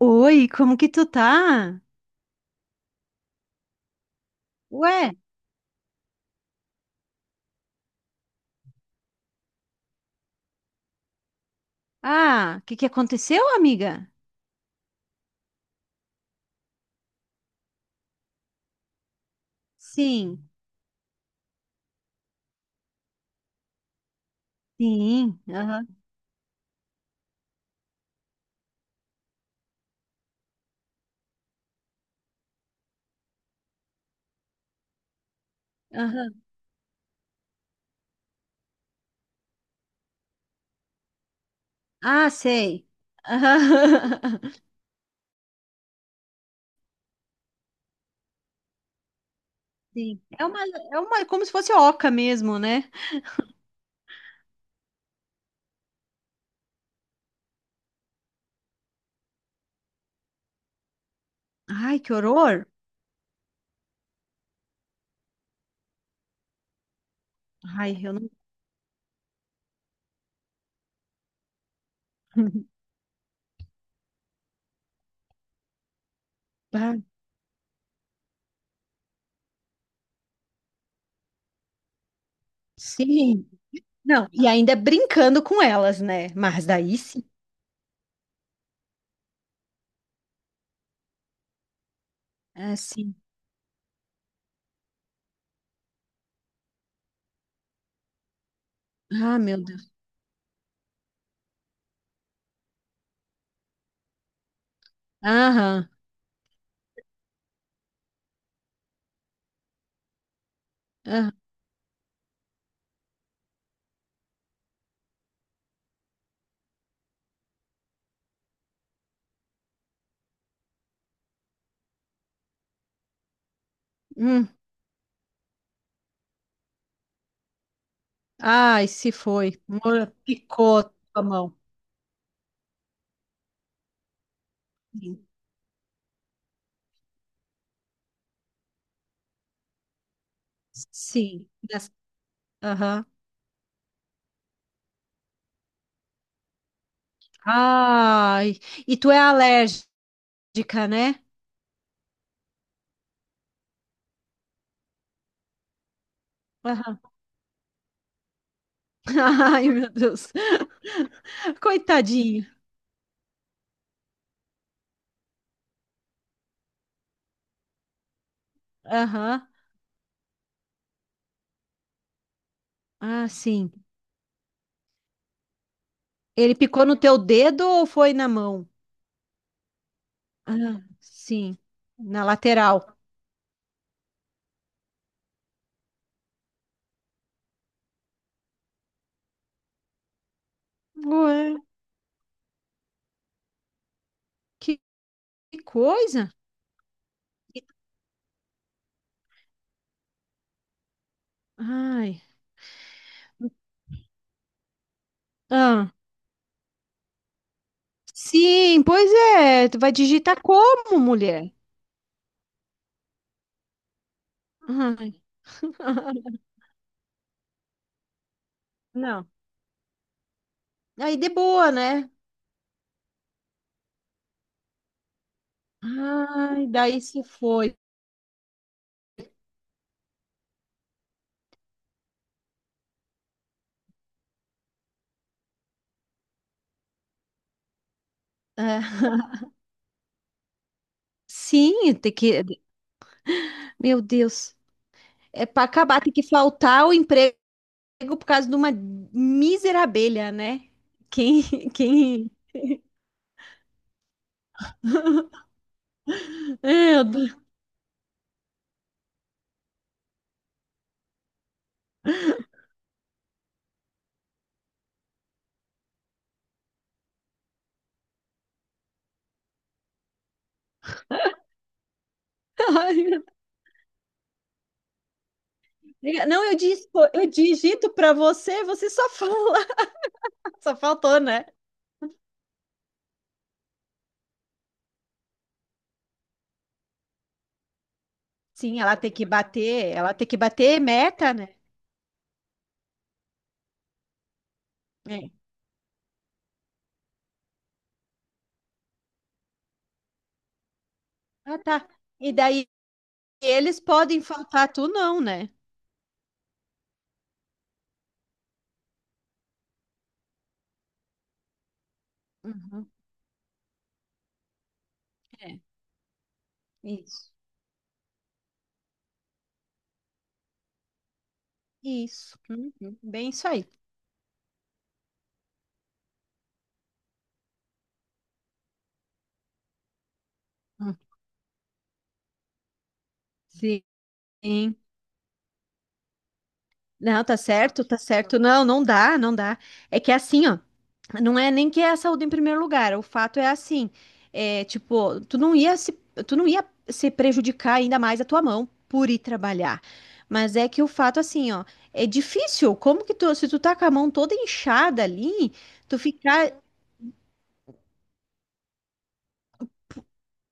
Oi, como que tu tá? Ué? Ah, o que que aconteceu, amiga? Sim. Sim, aham. Aham. Ah, sei. Aham. Sim. É uma, é uma, é como se fosse oca mesmo, né? Ai, que horror. Ai, eu não. Ah, sim. Não, e ainda brincando com elas, né? Mas daí sim. É, sim. Ah, meu Deus. Aham, aham. Hum. Ai, se foi. Picou a tua mão. Sim. Aham. Ai, e tu é alérgica, né? Aham. Ai, meu Deus. Coitadinho. Aham. Ah, sim. Ele picou no teu dedo ou foi na mão? Ah, sim. Na lateral. Ué, que que coisa. Ai. Ah, sim, pois é. Tu vai digitar como, mulher? Ai. Não. Aí de boa, né? Ai, daí se foi. É. Sim, tem que. Meu Deus. É para acabar, tem que faltar o emprego por causa de uma mísera abelha, né? Quem, quem. Meu Deus. Ai, meu Deus. Não, eu disse, eu digito para você, você só fala. Só faltou, né? Sim, ela tem que bater, meta, né? É. Ah, tá. E daí eles podem faltar, tu não, né? Uhum. É, isso. Isso. Uhum. Bem isso aí. Hum, Sim. Não, tá certo, tá certo. Não, não dá, não dá. É que é assim, ó. Não é nem que é a saúde em primeiro lugar. O fato é assim. É, tipo, tu não ia se prejudicar ainda mais a tua mão por ir trabalhar. Mas é que o fato, assim, ó, é difícil. Como que tu, se tu tá com a mão toda inchada ali, tu ficar.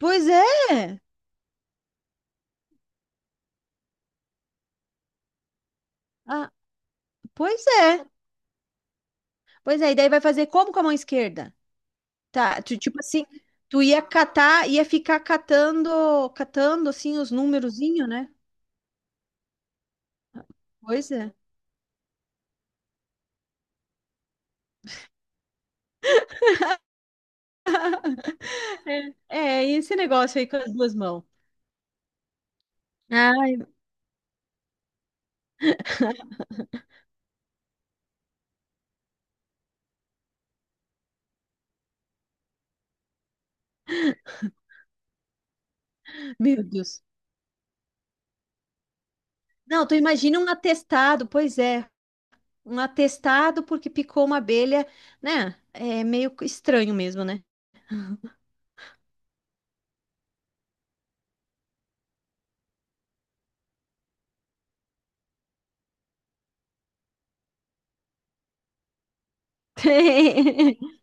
Pois é! Ah, pois é. Pois é, e daí vai fazer como com a mão esquerda? Tá, tu, tipo assim, tu ia catar, ia ficar catando, catando assim os numerozinhos, né? Pois é. É, é, e esse negócio aí com as duas mãos. Ai, meu Deus. Não, tu imagina um atestado, pois é, um atestado porque picou uma abelha, né? É meio estranho mesmo, né?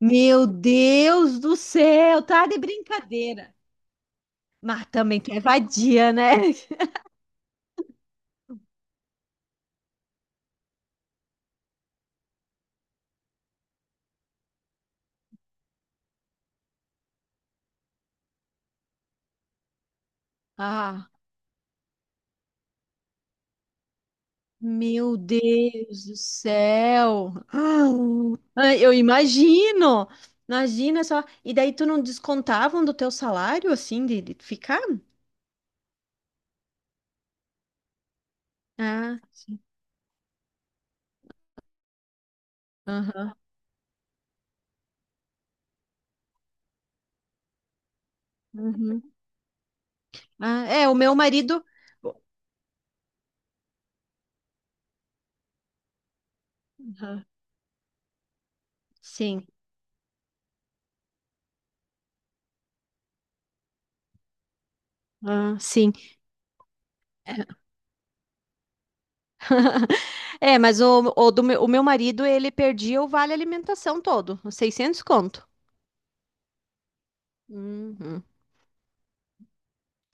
Meu Deus do céu, tá de brincadeira. Mas também tu é vadia, né? Ah. Meu Deus do céu! Ah, ai, eu imagino! Imagina só. E daí tu não descontavam do teu salário, assim, de ficar? Ah, sim. Aham. Uhum. Ah, é, o meu marido. Aham. Sim. Ah, sim. É, mas, o meu marido, ele perdia o vale alimentação todo, os 600 conto. Uhum.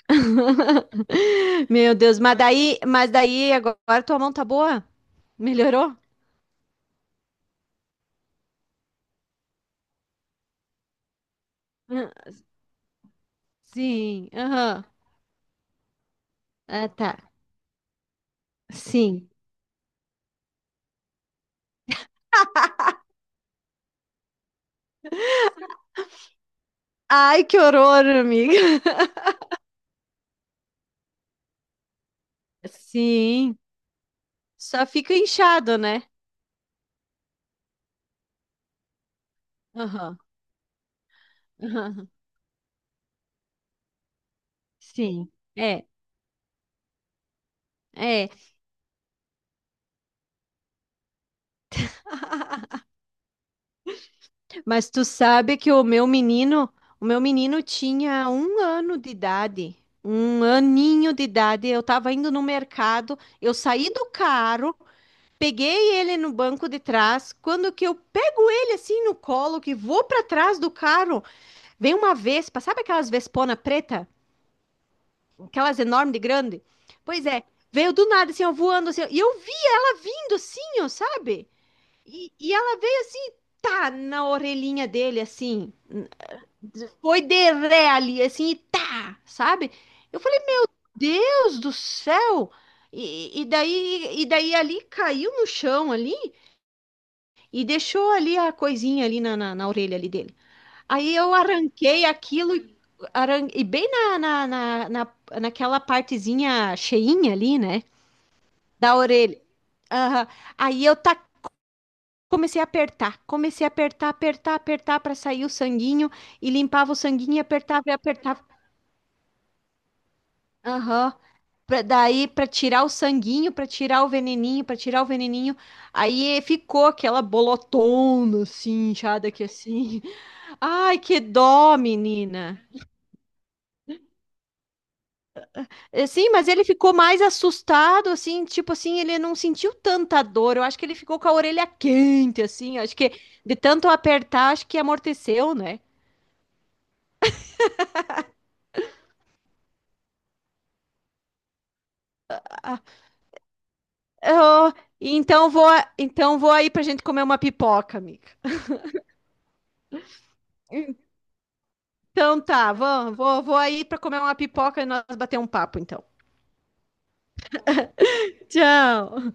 Meu Deus, mas daí agora tua mão tá boa? Melhorou? Sim, aham. Ah, tá. Sim, ai, que horror, amiga. sim. Só fica inchado, né? Aham, aham. Sim, é, é. Mas tu sabe que o meu menino tinha um ano de idade, um aninho de idade. Eu tava indo no mercado, eu saí do carro, peguei ele no banco de trás. Quando que eu pego ele assim no colo, que vou para trás do carro, veio uma vespa, sabe aquelas vespona preta? Aquelas enormes de grande? Pois é, veio do nada, assim, ó, voando, assim, ó, e eu vi ela vindo, assim, ó, sabe? E ela veio, assim, tá, na orelhinha dele, assim, foi de ré ali, assim, e tá, sabe? Eu falei, meu Deus do céu! E daí ali caiu no chão ali e deixou ali a coisinha ali na orelha ali dele. Aí eu arranquei aquilo e e bem naquela partezinha cheinha ali, né? Da orelha. Aham. Aí eu ta- Comecei a apertar, comecei a apertar, apertar, apertar para sair o sanguinho e limpava o sanguinho e apertava e apertava. Aham. Daí para tirar o sanguinho, para tirar o veneninho, para tirar o veneninho. Aí ficou aquela bolotona assim, inchada aqui assim. Ai, que dó, menina. É, sim, mas ele ficou mais assustado, assim, tipo assim, ele não sentiu tanta dor. Eu acho que ele ficou com a orelha quente, assim. Acho que de tanto apertar, acho que amorteceu, né? Ah, eu- então vou, então vou aí pra gente comer uma pipoca, amiga. Então tá, vamos, vou, vou aí pra comer uma pipoca e nós bater um papo, então. Tchau.